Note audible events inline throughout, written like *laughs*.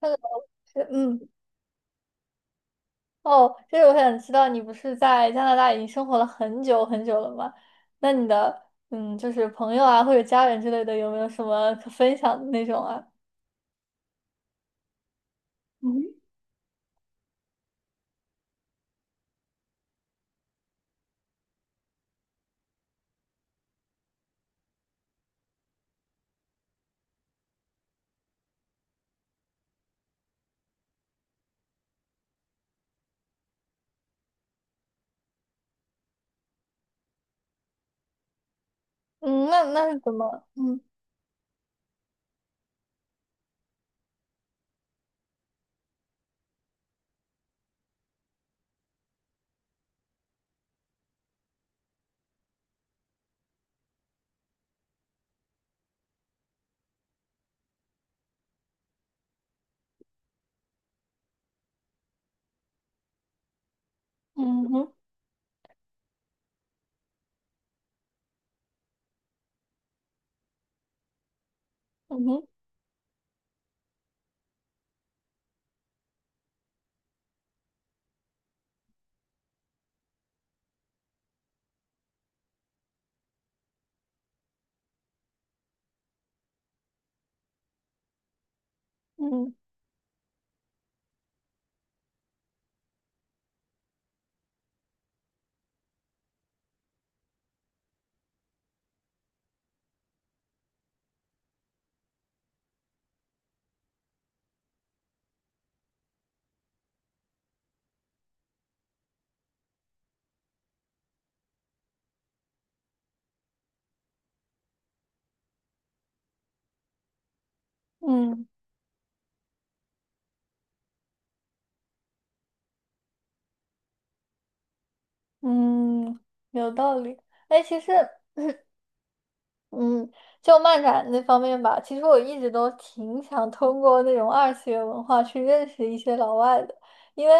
他的是哦，就是我想知道，你不是在加拿大已经生活了很久很久了吗？那你的就是朋友啊或者家人之类的，有没有什么可分享的那种啊？嗯。嗯。那是怎么？嗯。嗯哼。嗯哼。嗯。嗯。嗯。有道理。哎，其实嗯，就漫展那方面吧，其实我一直都挺想通过那种二次元文化去认识一些老外的。因为，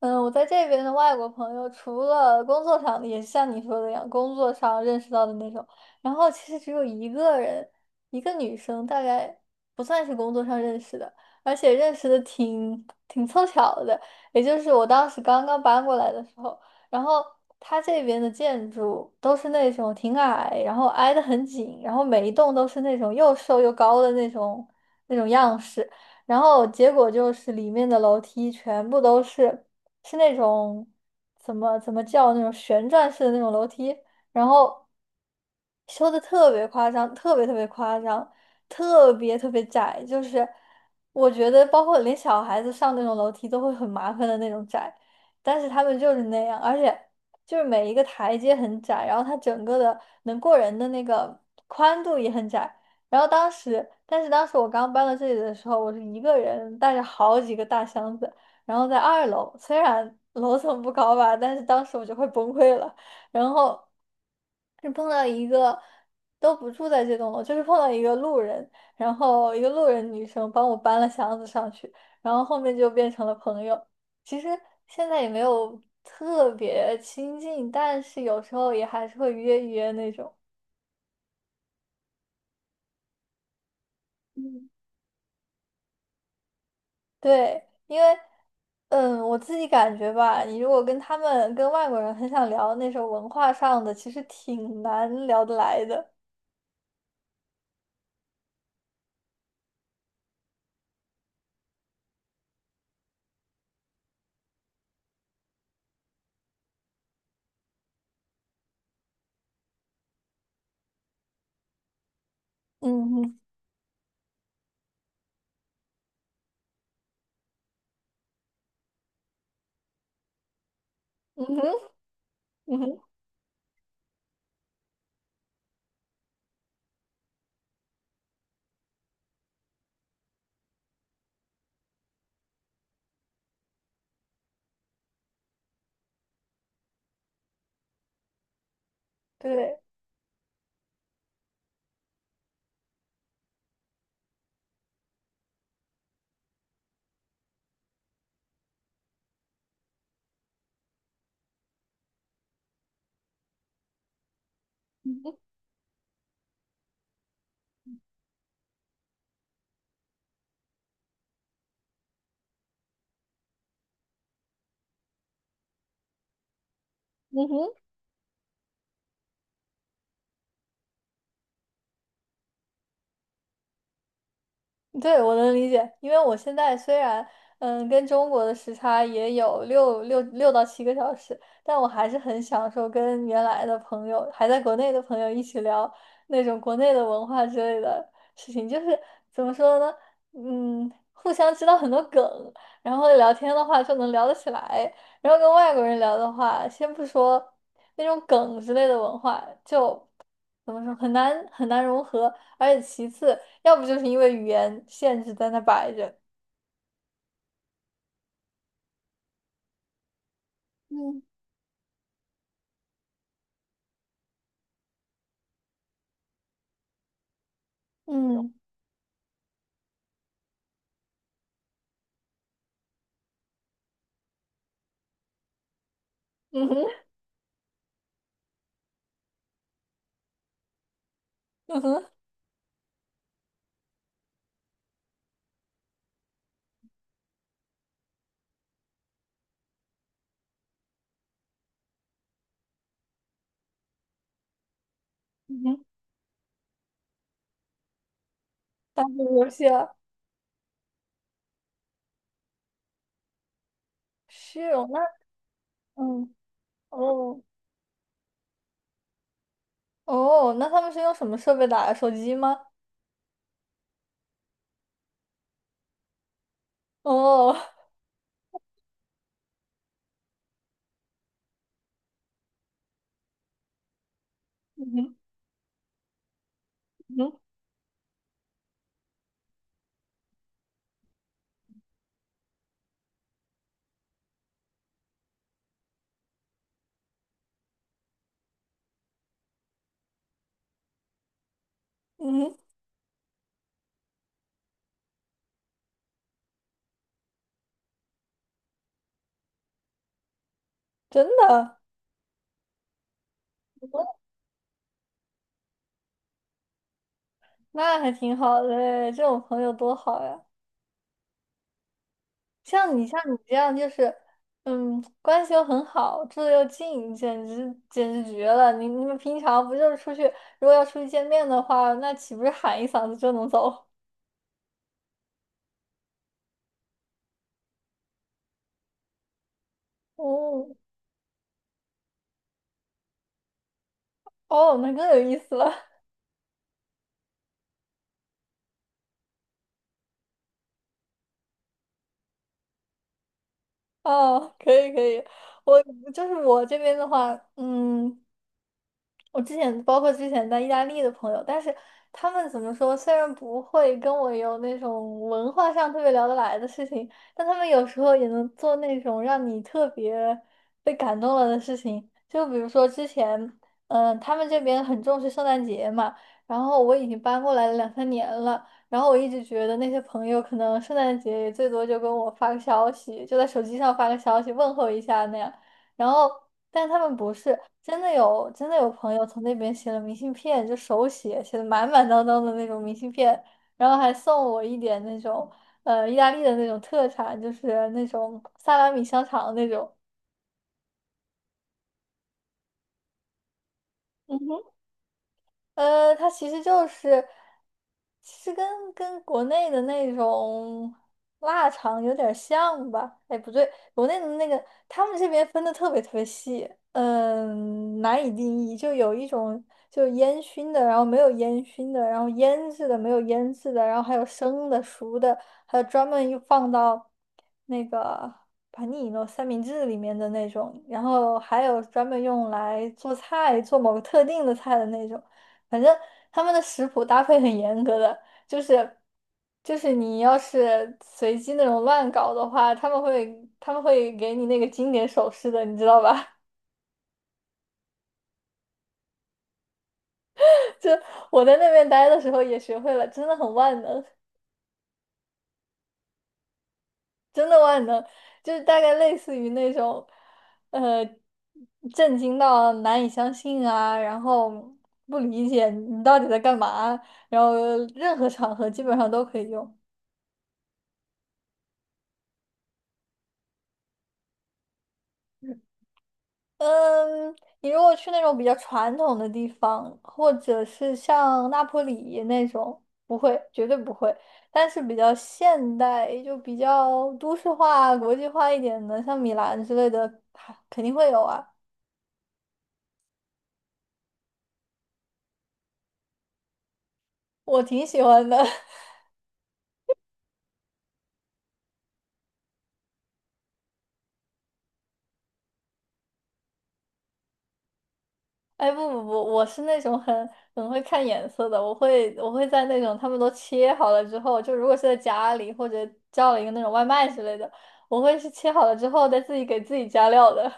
嗯，我在这边的外国朋友，除了工作上的，也是像你说的一样，工作上认识到的那种。然后其实只有一个人，一个女生，大概不算是工作上认识的，而且认识的挺凑巧的，也就是我当时刚刚搬过来的时候。然后它这边的建筑都是那种挺矮，然后挨得很紧，然后每一栋都是那种又瘦又高的那种样式。然后结果就是里面的楼梯全部都是是那种怎么叫那种旋转式的那种楼梯，然后修的特别夸张，特别特别夸张，特别特别窄，就是我觉得包括连小孩子上那种楼梯都会很麻烦的那种窄。但是他们就是那样，而且就是每一个台阶很窄，然后它整个的能过人的那个宽度也很窄。然后当时，但是当时我刚搬到这里的时候，我是一个人带着好几个大箱子，然后在2楼，虽然 *laughs* 楼层不高吧，但是当时我就快崩溃了。然后是碰到一个都不住在这栋楼，就是碰到一个路人，然后一个路人女生帮我搬了箱子上去，然后后面就变成了朋友。其实现在也没有特别亲近，但是有时候也还是会约一约那种。嗯。对，因为，我自己感觉吧，你如果跟他们跟外国人很想聊那种文化上的，其实挺难聊得来的。嗯哼。嗯哼。嗯哼。对。嗯哼。嗯哼。对，我能理解，因为我现在虽然跟中国的时差也有六到七个小时，但我还是很享受跟原来的朋友，还在国内的朋友一起聊那种国内的文化之类的事情。就是怎么说呢，互相知道很多梗，然后聊天的话就能聊得起来。然后跟外国人聊的话，先不说那种梗之类的文化，就怎么说很难很难融合。而且其次，要不就是因为语言限制在那摆着。嗯。嗯。嗯哼。嗯哼。嗯哼。打火游戏啊。是哦，那嗯，哦。哦，那他们是用什么设备打的？手机吗？哦。嗯哼。嗯哼。嗯哼。真的。那还挺好的诶，这种朋友多好呀。像你这样就是，嗯，关系又很好，住的又近，简直绝了！你们平常不就是出去，如果要出去见面的话，那岂不是喊一嗓子就能走？*laughs* 哦。哦，那更有意思了。*laughs* 哦，可以可以。我就是我这边的话，嗯。我之前包括之前在意大利的朋友，但是他们怎么说，虽然不会跟我有那种文化上特别聊得来的事情，但他们有时候也能做那种让你特别被感动了的事情。就比如说之前，他们这边很重视圣诞节嘛，然后我已经搬过来了2、3年了，然后我一直觉得那些朋友可能圣诞节也最多就跟我发个消息，就在手机上发个消息问候一下那样。然后，但他们不是真的有朋友从那边写了明信片，就手写写的满满当当的那种明信片，然后还送我一点那种意大利的那种特产，就是那种萨拉米香肠那种。*laughs* 呃，它其实就是，其实跟国内的那种腊肠有点像吧？哎，不对，国内的那个他们这边分的特别特别细，嗯，难以定义。就有一种就烟熏的，然后没有烟熏的，然后腌制的没有腌制的，然后还有生的、熟的，还有专门又放到那个盘尼诺三明治里面的那种，然后还有专门用来做菜、做某个特定的菜的那种。反正他们的食谱搭配很严格的，就是就是你要是随机那种乱搞的话，他们会给你那个经典手势的，你知道吧？*laughs* 就我在那边待的时候也学会了，真的很万能，真的万能，就是大概类似于那种呃震惊到难以相信啊，然后不理解你到底在干嘛，然后任何场合基本上都可以用。嗯，你如果去那种比较传统的地方，或者是像那不里那种，不会，绝对不会。但是比较现代，就比较都市化、国际化一点的，像米兰之类的，还肯定会有啊。我挺喜欢的。*laughs* 哎，不不不，我是那种很很会看颜色的，我会在那种他们都切好了之后，就如果是在家里或者叫了一个那种外卖之类的，我会是切好了之后再自己给自己加料的。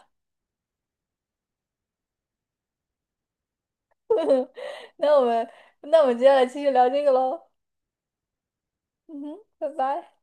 那我们接下来继续聊这个喽。嗯哼，拜拜。